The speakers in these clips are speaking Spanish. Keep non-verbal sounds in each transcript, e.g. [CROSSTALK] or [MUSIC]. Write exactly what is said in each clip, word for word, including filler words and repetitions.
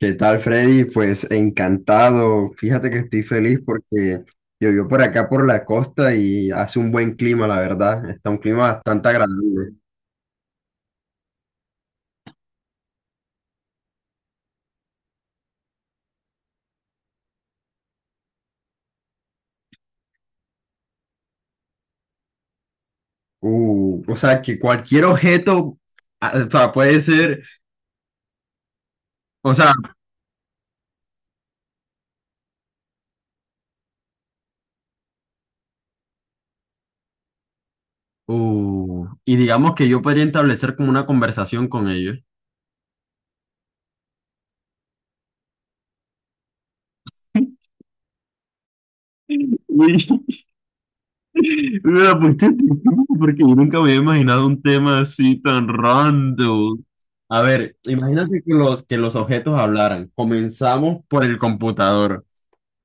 ¿Qué tal, Freddy? Pues encantado. Fíjate que estoy feliz porque llovió por acá por la costa y hace un buen clima, la verdad. Está un clima bastante agradable. Uh, o sea, que cualquier objeto, ah, o sea, puede ser, o sea, uh, y digamos que yo podría establecer como una conversación con ellos. [LAUGHS] Me la pusiste difícil porque yo nunca me había imaginado un tema así tan random. A ver, imagínate que los, que los objetos hablaran. Comenzamos por el computador.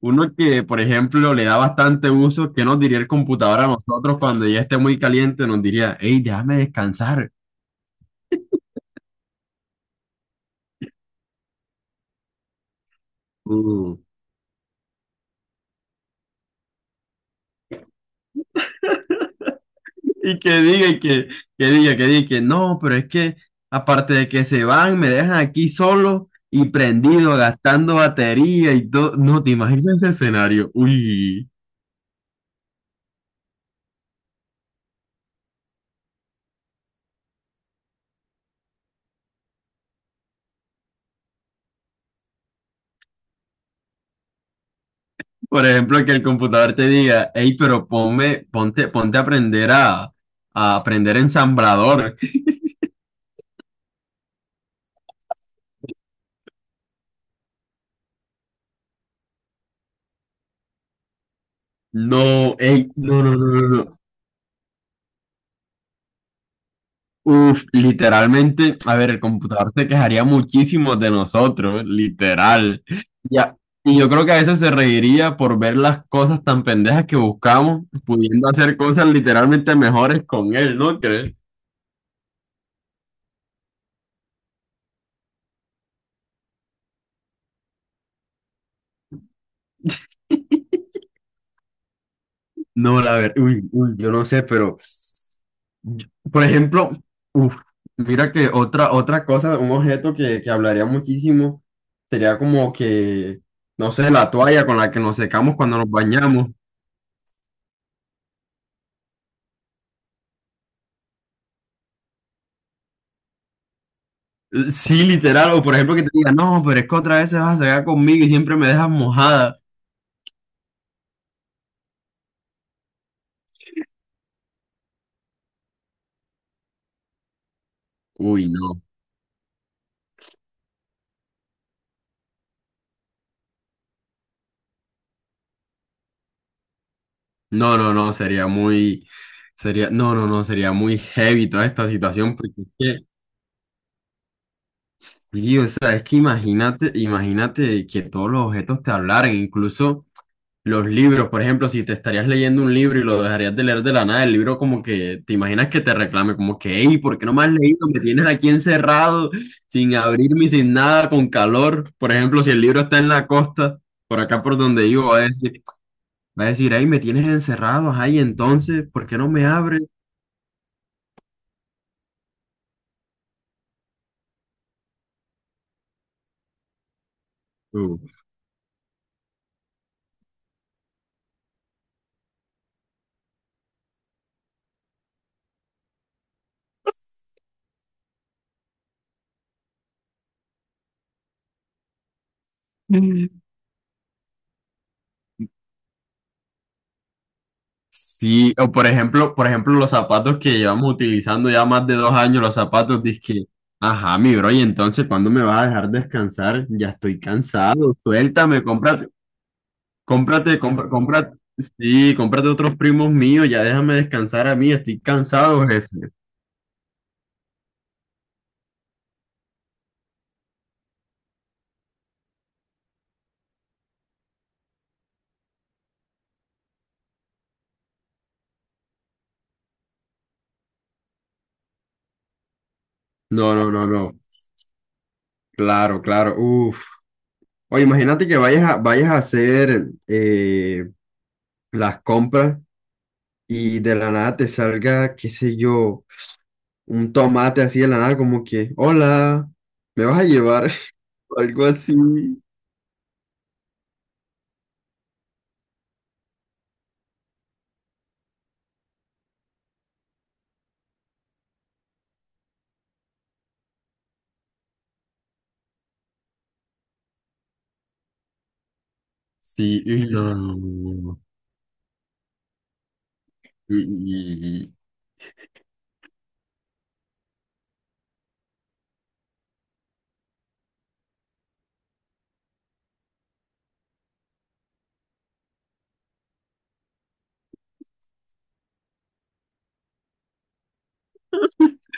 Uno que, por ejemplo, le da bastante uso, ¿qué nos diría el computador a nosotros cuando ya esté muy caliente? Nos diría, hey, déjame descansar. Uh. Y que diga y que, que diga, que diga, que no, pero es que aparte de que se van, me dejan aquí solo y prendido, gastando batería y todo. No, te imaginas ese escenario. Uy, por ejemplo, que el computador te diga, hey, pero ponme, ponte, ponte a aprender a, a aprender ensamblador. No, hey, no, no, no, no, no. Uf, literalmente, a ver, el computador se quejaría muchísimo de nosotros, literal. Ya. Y yo creo que a veces se reiría por ver las cosas tan pendejas que buscamos, pudiendo hacer cosas literalmente mejores con él, ¿no crees? No, la verdad, uy, uy, yo no sé, pero, yo- por ejemplo, uf, mira que otra, otra cosa, un objeto que, que hablaría muchísimo sería como que, no sé, la toalla con la que nos secamos cuando nos bañamos. Sí, literal, o por ejemplo que te diga, no, pero es que otra vez se vas a sacar conmigo y siempre me dejas mojada. Uy, no, no, no, no, sería muy, sería, no, no, no, sería muy heavy toda esta situación, porque es que, sí, o sea, es que imagínate, imagínate que todos los objetos te hablaran, incluso. Los libros, por ejemplo, si te estarías leyendo un libro y lo dejarías de leer de la nada, el libro como que te imaginas que te reclame, como que, hey, ¿por qué no me has leído? Me tienes aquí encerrado, sin abrirme, y sin nada, con calor. Por ejemplo, si el libro está en la costa, por acá por donde vivo, va a decir, va a decir, hey, me tienes encerrado, ay, entonces, ¿por qué no me abres? Uh. Sí, o por ejemplo, por ejemplo, los zapatos que llevamos utilizando ya más de dos años, los zapatos, dizque, ajá, mi bro, y entonces, ¿cuándo me vas a dejar descansar? Ya estoy cansado, suéltame, cómprate, cómprate, compra- cómprate, sí, cómprate otros primos míos, ya déjame descansar a mí, estoy cansado, jefe. No, no, no, no, claro, claro. Uf. Oye, imagínate que vayas a, vayas a hacer eh, las compras y de la nada te salga, qué sé yo, un tomate así de la nada, como que, hola, ¿me vas a llevar? [LAUGHS] O algo así. Sí, uy, no, no, no, no, no. Y-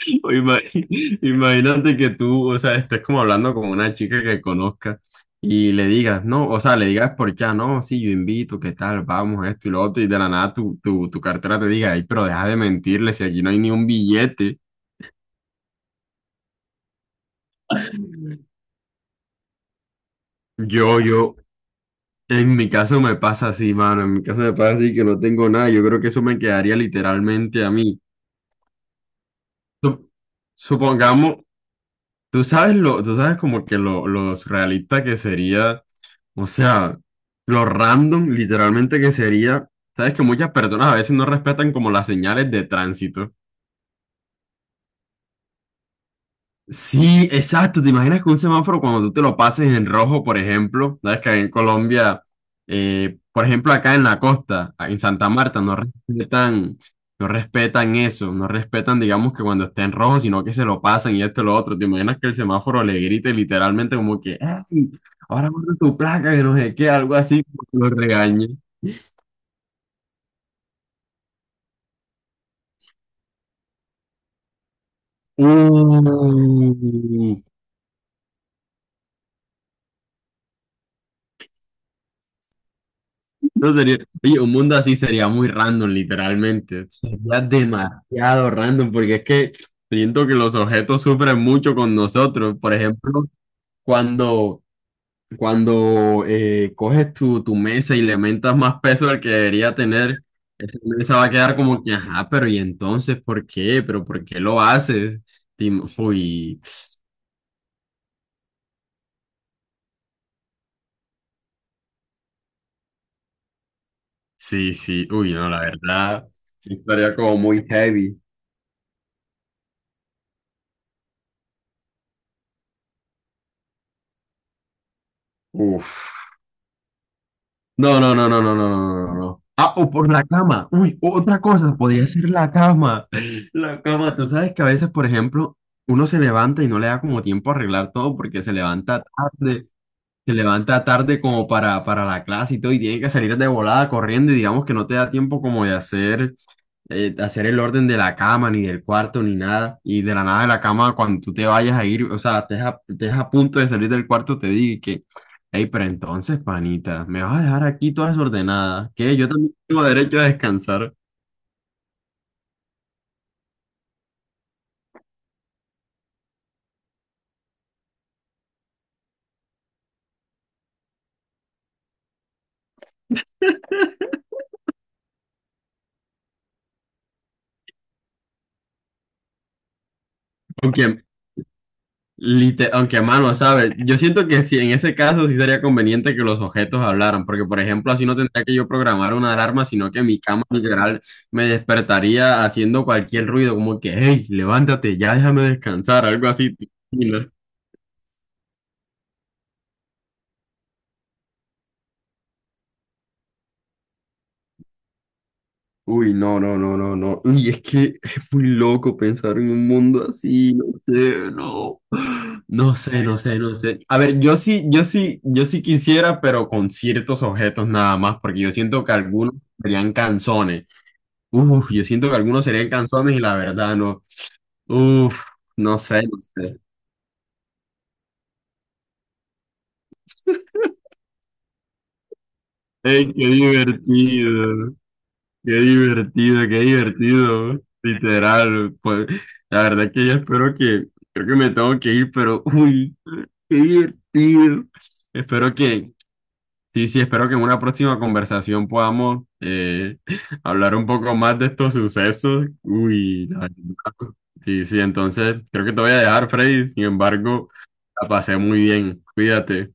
y- o ima- [LAUGHS] Imagínate que tú, o sea, estés como hablando con una chica que conozcas y le digas, no, o sea, le digas por qué, ah, no, sí, yo invito, qué tal, vamos, esto y lo otro, y de la nada tu, tu, tu cartera te diga, ay, pero deja de mentirle si aquí no hay ni un billete. Yo, yo, En mi caso me pasa así, mano. En mi caso me pasa así que no tengo nada. Yo creo que eso me quedaría literalmente a mí. Sup- Supongamos, tú sabes lo, tú sabes como que lo, lo surrealista que sería, o sea, lo random literalmente que sería. Sabes que muchas personas a veces no respetan como las señales de tránsito. Sí, exacto. ¿Te imaginas que un semáforo cuando tú te lo pases en rojo, por ejemplo, sabes que ahí en Colombia, eh, por ejemplo, acá en la costa, en Santa Marta, no respetan, no respetan eso, no respetan, digamos, que cuando esté en rojo, sino que se lo pasan y esto y lo otro. ¿Te imaginas que el semáforo le grite literalmente como que, ¡ey! Ahora guarda tu placa, que no sé qué, algo así, como que lo regañe. Uh. No sería, oye, un mundo así sería muy random, literalmente. Sería demasiado random, porque es que siento que los objetos sufren mucho con nosotros. Por ejemplo, cuando, cuando eh, coges tu, tu mesa y le aumentas más peso del que debería tener, esa mesa va a quedar como que, ajá, pero ¿y entonces por qué? ¿Pero por qué lo haces? Tim- Uy, sí, sí, uy, no, la verdad, sí, estaría como muy heavy. Uf. No, no, no, no, no, no, no, no, no. Ah, o por la cama. Uy, otra cosa, podría ser la cama. [LAUGHS] La cama, tú sabes que a veces, por ejemplo, uno se levanta y no le da como tiempo a arreglar todo porque se levanta tarde, se levanta tarde como para, para la clase y todo y tiene que salir de volada corriendo y digamos que no te da tiempo como de hacer eh, hacer el orden de la cama, ni del cuarto, ni nada. Y de la nada de la cama, cuando tú te vayas a ir, o sea, estés a, estés a punto de salir del cuarto, te digo que, hey, pero entonces, panita, me vas a dejar aquí toda desordenada, que yo también tengo derecho a descansar. Aunque Lite- aunque, mano, ¿sabes? Yo siento que si en ese caso sí sería conveniente que los objetos hablaran, porque por ejemplo así no tendría que yo programar una alarma, sino que mi cama literal me despertaría haciendo cualquier ruido, como que, hey, levántate, ya déjame descansar, algo así. Uy, no, no, no, no, no. Y es que es muy loco pensar en un mundo así, no sé, no. No sé, no sé, no sé. A ver, yo sí, yo sí, yo sí quisiera, pero con ciertos objetos nada más, porque yo siento que algunos serían canzones. Uf, yo siento que algunos serían canzones y la verdad no. Uf, no sé, no sé. Ey, qué divertido, qué divertido, qué divertido. Literal, pues, la verdad es que yo espero que, creo que me tengo que ir, pero uy. Qué divertido. Espero que, sí, sí, espero que en una próxima conversación podamos eh, [LAUGHS] hablar un poco más de estos sucesos. Uy, la verdad. Sí, sí, entonces creo que te voy a dejar, Freddy. Sin embargo, la pasé muy bien. Cuídate.